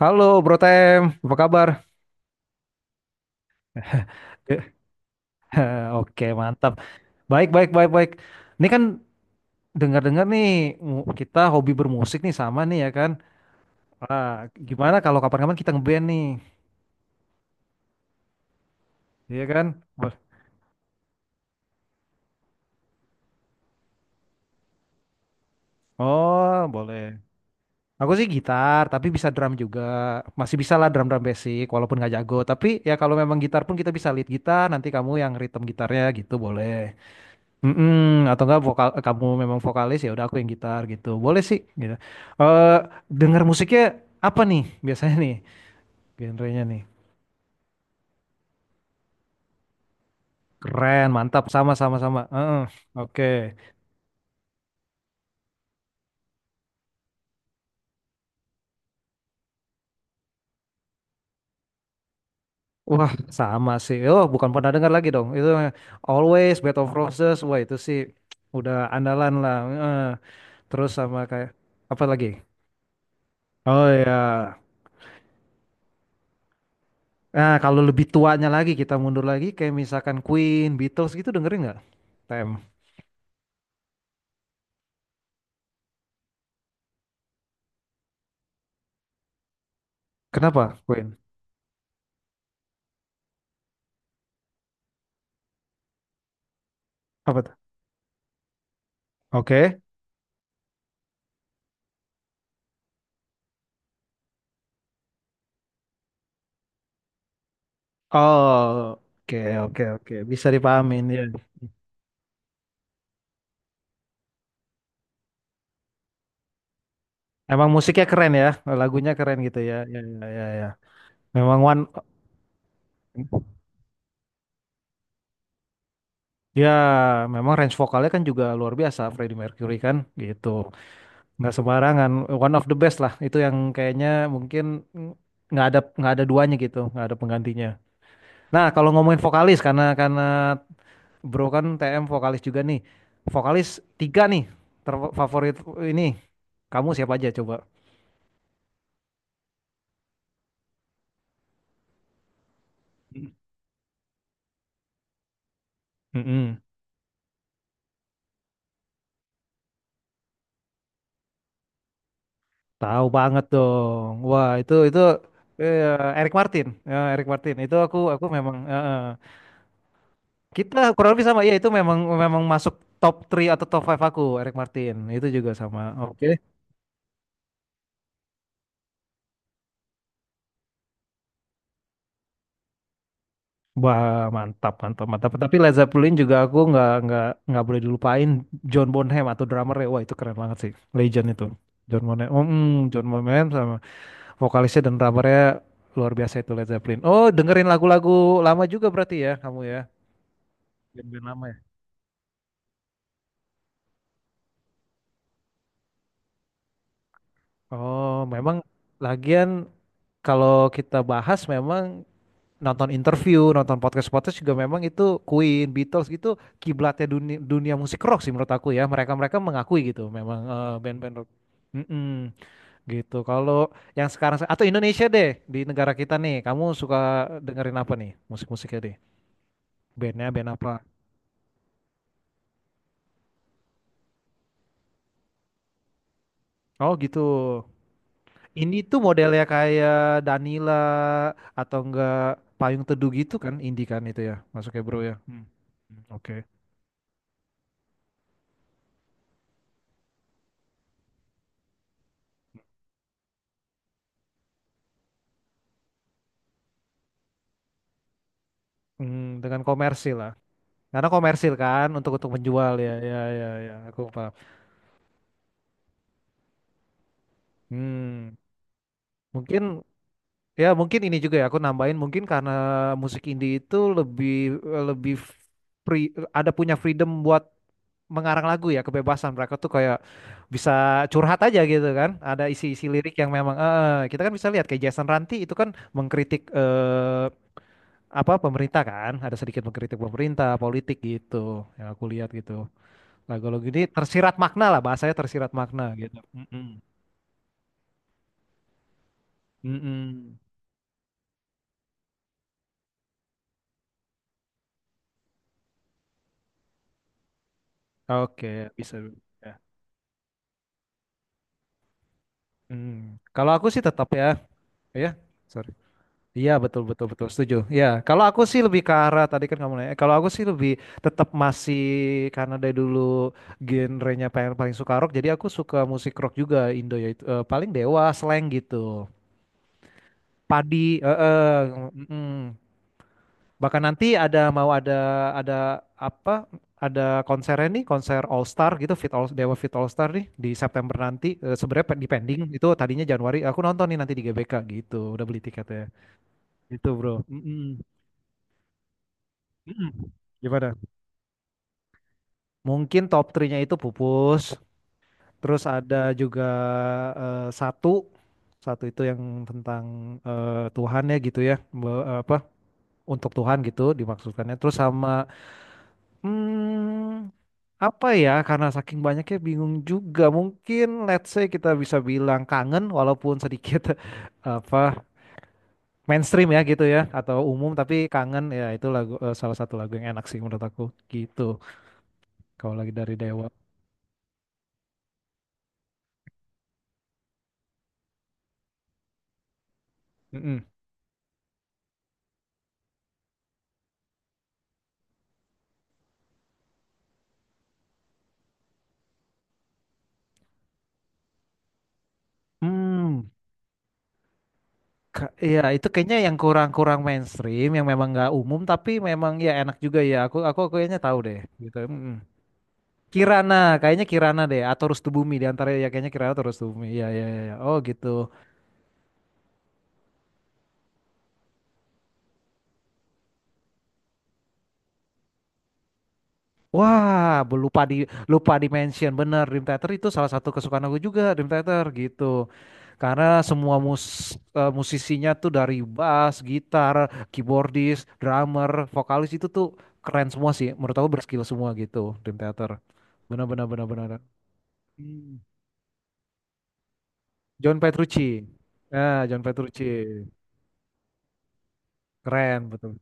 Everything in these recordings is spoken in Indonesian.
Halo Bro Tem, apa kabar? Oke, mantap. Baik, baik, baik, baik. Ini kan dengar-dengar nih, kita hobi bermusik nih sama nih ya kan. Ah, gimana kalau kapan-kapan kita ngeband nih? Iya kan? Bo- Oh, boleh. Aku sih gitar, tapi bisa drum juga. Masih bisa lah drum-drum basic, walaupun nggak jago. Tapi ya kalau memang gitar pun kita bisa lead gitar, nanti kamu yang rhythm gitarnya gitu boleh. Mm-mm, atau enggak vokal kamu memang vokalis ya udah aku yang gitar gitu. Boleh sih gitu. Eh Dengar musiknya apa nih biasanya nih, genrenya nih? Keren, mantap. Sama sama sama. Heeh, oke. Wah, sama sih. Oh, bukan pernah dengar lagi dong. Itu Always Bed of Roses. Wah, itu sih udah andalan lah. Heeh. Terus sama kayak apa lagi? Oh ya. Nah, kalau lebih tuanya lagi kita mundur lagi kayak misalkan Queen, Beatles gitu, dengerin nggak, Tem? Kenapa Queen? Apa? Oke. Oh, oke, oke, oke. Bisa dipahamin ya. Emang musiknya keren ya, lagunya keren gitu ya. Ya, ya, ya, ya. Memang one, ya, memang range vokalnya kan juga luar biasa Freddie Mercury kan, gitu. Nggak sembarangan, one of the best lah. Itu yang kayaknya mungkin nggak ada duanya gitu, nggak ada penggantinya. Nah, kalau ngomongin vokalis, karena Bro kan TM vokalis juga nih. Vokalis tiga nih terfavorit ini. Kamu siapa aja coba? Mm-mm. Tahu banget dong. Wah, itu eh, Eric Martin. Ya, Eric Martin. Itu aku memang Kita kurang lebih sama. Iya, itu memang memang masuk top 3 atau top 5 aku Eric Martin. Itu juga sama. Oke. Wah, mantap, mantap, mantap. Tapi Led Zeppelin juga aku nggak boleh dilupain. John Bonham atau drummer ya, wah, itu keren banget sih. Legend itu. John Bonham. Oh, John Bonham sama vokalisnya dan drummernya luar biasa itu Led Zeppelin. Oh, dengerin lagu-lagu lama juga berarti ya kamu ya. Band-band lama. Oh, memang lagian kalau kita bahas, memang nonton interview, nonton podcast-podcast juga, memang itu Queen, Beatles gitu kiblatnya dunia, dunia musik rock sih menurut aku ya. Mereka-mereka mengakui gitu memang, band-band rock. Mm-mm, gitu. Kalau yang sekarang atau Indonesia deh, di negara kita nih, kamu suka dengerin apa nih musik-musiknya deh? Bandnya band apa? Oh gitu. Ini tuh modelnya kayak Danila atau enggak Payung Teduh gitu kan, indie kan itu ya, masuknya bro ya. Hmm. Hmm, oke. Hmm, dengan komersil lah. Karena komersil kan untuk menjual ya, ya, ya, ya. Aku paham. Hmm, mungkin ya, mungkin ini juga ya aku nambahin, mungkin karena musik indie itu lebih lebih free, ada punya freedom buat mengarang lagu ya, kebebasan mereka tuh kayak bisa curhat aja gitu kan, ada isi-isi lirik yang memang, kita kan bisa lihat kayak Jason Ranti itu kan mengkritik, apa, pemerintah kan, ada sedikit mengkritik pemerintah politik gitu yang aku lihat gitu. Lagu-lagu ini tersirat makna lah, bahasanya tersirat makna gitu. Mm-mm. Mm-mm. Oke, bisa ya. Mm. Kalau aku sih tetap ya, ya, sorry. Iya, betul betul betul, setuju. Ya kalau aku sih lebih ke arah tadi kan, kamu nanya. Kalau aku sih lebih tetap masih, karena dari dulu genrenya paling paling suka rock. Jadi aku suka musik rock juga Indo ya, itu, paling Dewa, Slank gitu. Padi, eh, eh, mm, Bahkan nanti ada, mau ada apa? Ada konsernya nih, konser All Star gitu, Fit All Dewa Fit All Star nih di September nanti. Sebenarnya di pending itu, tadinya Januari. Aku nonton nih nanti di GBK gitu. Udah beli tiketnya. Gitu bro. Mm-mm. Mm-mm. Gimana? Mungkin top 3-nya itu pupus. Terus ada juga, eh, satu, satu itu yang tentang, Tuhan ya gitu ya, apa, untuk Tuhan gitu dimaksudkannya. Terus sama, hmm, apa ya? Karena saking banyaknya bingung juga. Mungkin let's say kita bisa bilang kangen, walaupun sedikit apa, mainstream ya gitu ya, atau umum, tapi kangen ya itu lagu, salah satu lagu yang enak sih menurut aku gitu. Kalau lagi dari Dewa. Mm-mm. Hmm, iya itu kayaknya yang kurang-kurang mainstream, yang memang nggak umum, tapi memang ya enak juga ya. Aku kayaknya tahu deh, gitu. Mm-mm. Kirana, kayaknya Kirana deh, atau Rustubumi, di antara ya kayaknya Kirana atau Rustubumi. Iya iya iya. Iya. Oh gitu. Wah, lupa di mention, bener Dream Theater itu salah satu kesukaan aku juga, Dream Theater gitu. Karena semua musisinya tuh dari bass, gitar, keyboardis, drummer, vokalis itu tuh keren semua sih. Menurut aku berskill semua gitu, Dream Theater. Benar benar benar benar. Hmm. John Petrucci. Ya, John Petrucci. Keren betul.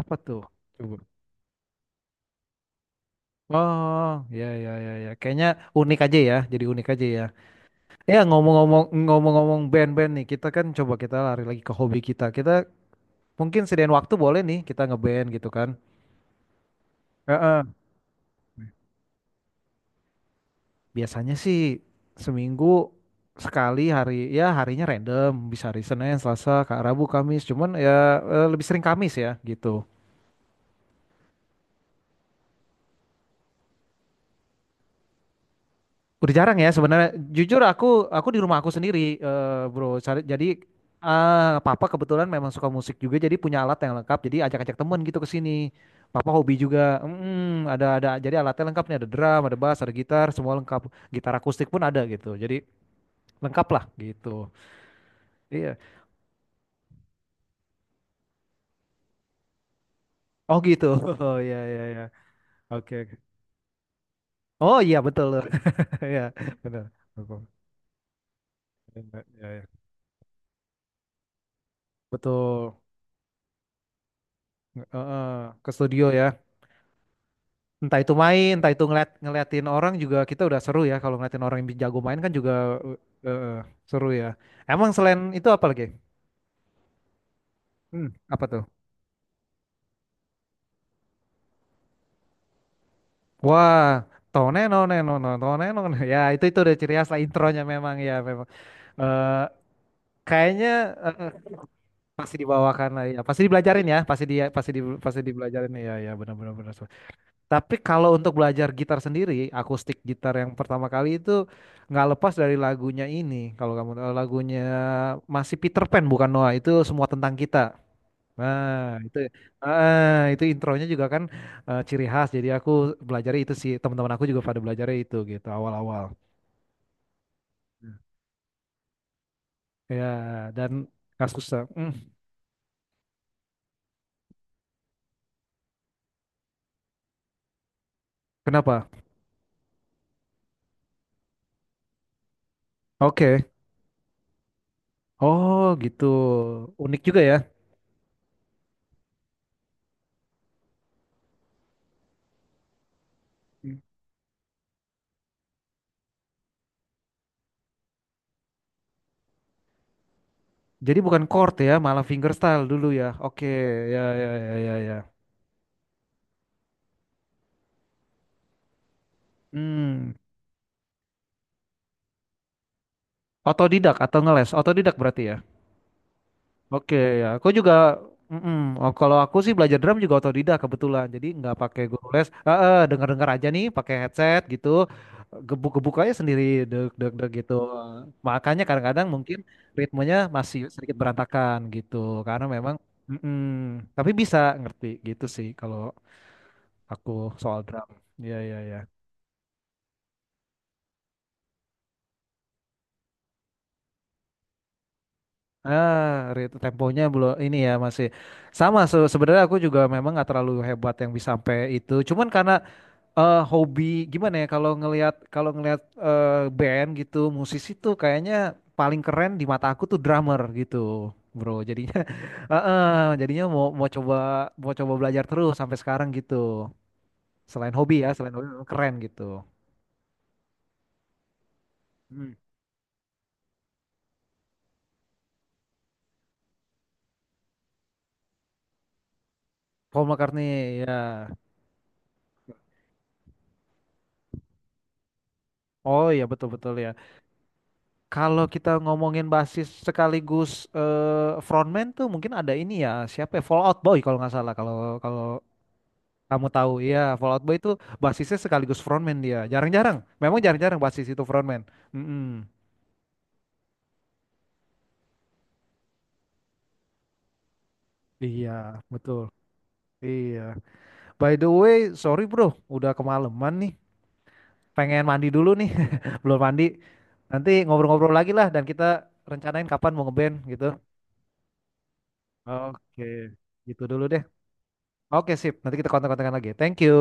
Apa tuh? Coba. Oh, ya ya ya ya. Kayaknya unik aja ya. Jadi unik aja ya. Ya, ngomong-ngomong band-band nih, kita kan coba kita lari lagi ke hobi kita. Kita mungkin sediain waktu, boleh nih kita ngeband gitu kan. Heeh. Biasanya sih seminggu sekali, hari ya, harinya random, bisa hari Senin, Selasa, kak, Rabu, Kamis. Cuman ya, lebih sering Kamis ya gitu. Udah jarang ya sebenarnya. Jujur aku di rumah aku sendiri, bro. Jadi, ah, papa kebetulan memang suka musik juga, jadi punya alat yang lengkap. Jadi ajak-ajak temen gitu ke sini. Papa hobi juga. Mm, ada jadi alatnya lengkap nih. Ada drum, ada bass, ada gitar, semua lengkap. Gitar akustik pun ada gitu. Jadi lengkap lah gitu. Iya. Oh gitu. Oh iya iya iya. Oke, oke. Oh iya betul. Iya benar. Betul. Iya, iya. Betul. Ke studio ya. Entah itu main, entah itu ngeliatin orang, juga kita udah seru ya. Kalau ngeliatin orang yang jago main kan juga, eh, eh, seru ya. Emang selain itu apa lagi? Hmm, apa tuh? Wah, toneno neno no toneno neno. Ya itu, udah ciri khas lah intronya, memang ya memang. Eh, Kayaknya, eh, eh, pasti dibawakan lah ya. Pasti dibelajarin ya. Pasti dibelajarin ya, ya, benar-benar benar, benar, benar. Tapi kalau untuk belajar gitar sendiri, akustik gitar yang pertama kali itu nggak lepas dari lagunya ini. Kalau kamu tahu lagunya, masih Peter Pan bukan Noah, itu semua tentang kita. Nah, itu intronya juga kan, ciri khas. Jadi aku belajar itu sih, teman-teman aku juga pada belajar itu gitu awal-awal. Ya, dan nggak susah. Hmm, kenapa? Oke. Oh, gitu. Unik juga ya. Jadi bukan chord ya, malah fingerstyle dulu ya. Oke, ya ya ya ya ya. Hmm, otodidak atau ngeles? Otodidak berarti ya. Oke, ya, aku juga. Mm-mm. Oh, kalau aku sih belajar drum juga otodidak kebetulan. Jadi nggak pakai guru les. Dengar-dengar aja nih, pakai headset gitu, gebuk-gebuk aja sendiri, deg-deg-deg gitu. Makanya kadang-kadang mungkin ritmenya masih sedikit berantakan gitu, karena memang. Mm-mm. Tapi bisa ngerti gitu sih kalau aku soal drum. Iya iya iya. Ah, temponya belum ini ya, masih sama, sebenarnya aku juga memang nggak terlalu hebat yang bisa sampai itu. Cuman karena, hobi, gimana ya, kalau ngelihat, band gitu musisi tuh kayaknya paling keren di mata aku tuh drummer gitu, bro. Jadinya eh, eh, jadinya mau mau coba belajar terus sampai sekarang gitu. Selain hobi ya, selain hobi memang keren gitu. Hmm. Paul McCartney ya. Oh iya betul betul ya. Kalau kita ngomongin basis sekaligus, frontman tuh mungkin ada ini ya, siapa ya, Fallout Boy kalau nggak salah, kalau, kalau kamu tahu, iya, Fallout Boy itu basisnya sekaligus frontman, dia jarang-jarang, memang jarang-jarang basis itu frontman. Mm-mm. Iya, betul. Iya, by the way, sorry bro, udah kemalaman nih, pengen mandi dulu nih, belum mandi, nanti ngobrol-ngobrol lagi lah, dan kita rencanain kapan mau ngeband gitu. Oke, gitu dulu deh, oke sip, nanti kita kontak-kontakan lagi, thank you.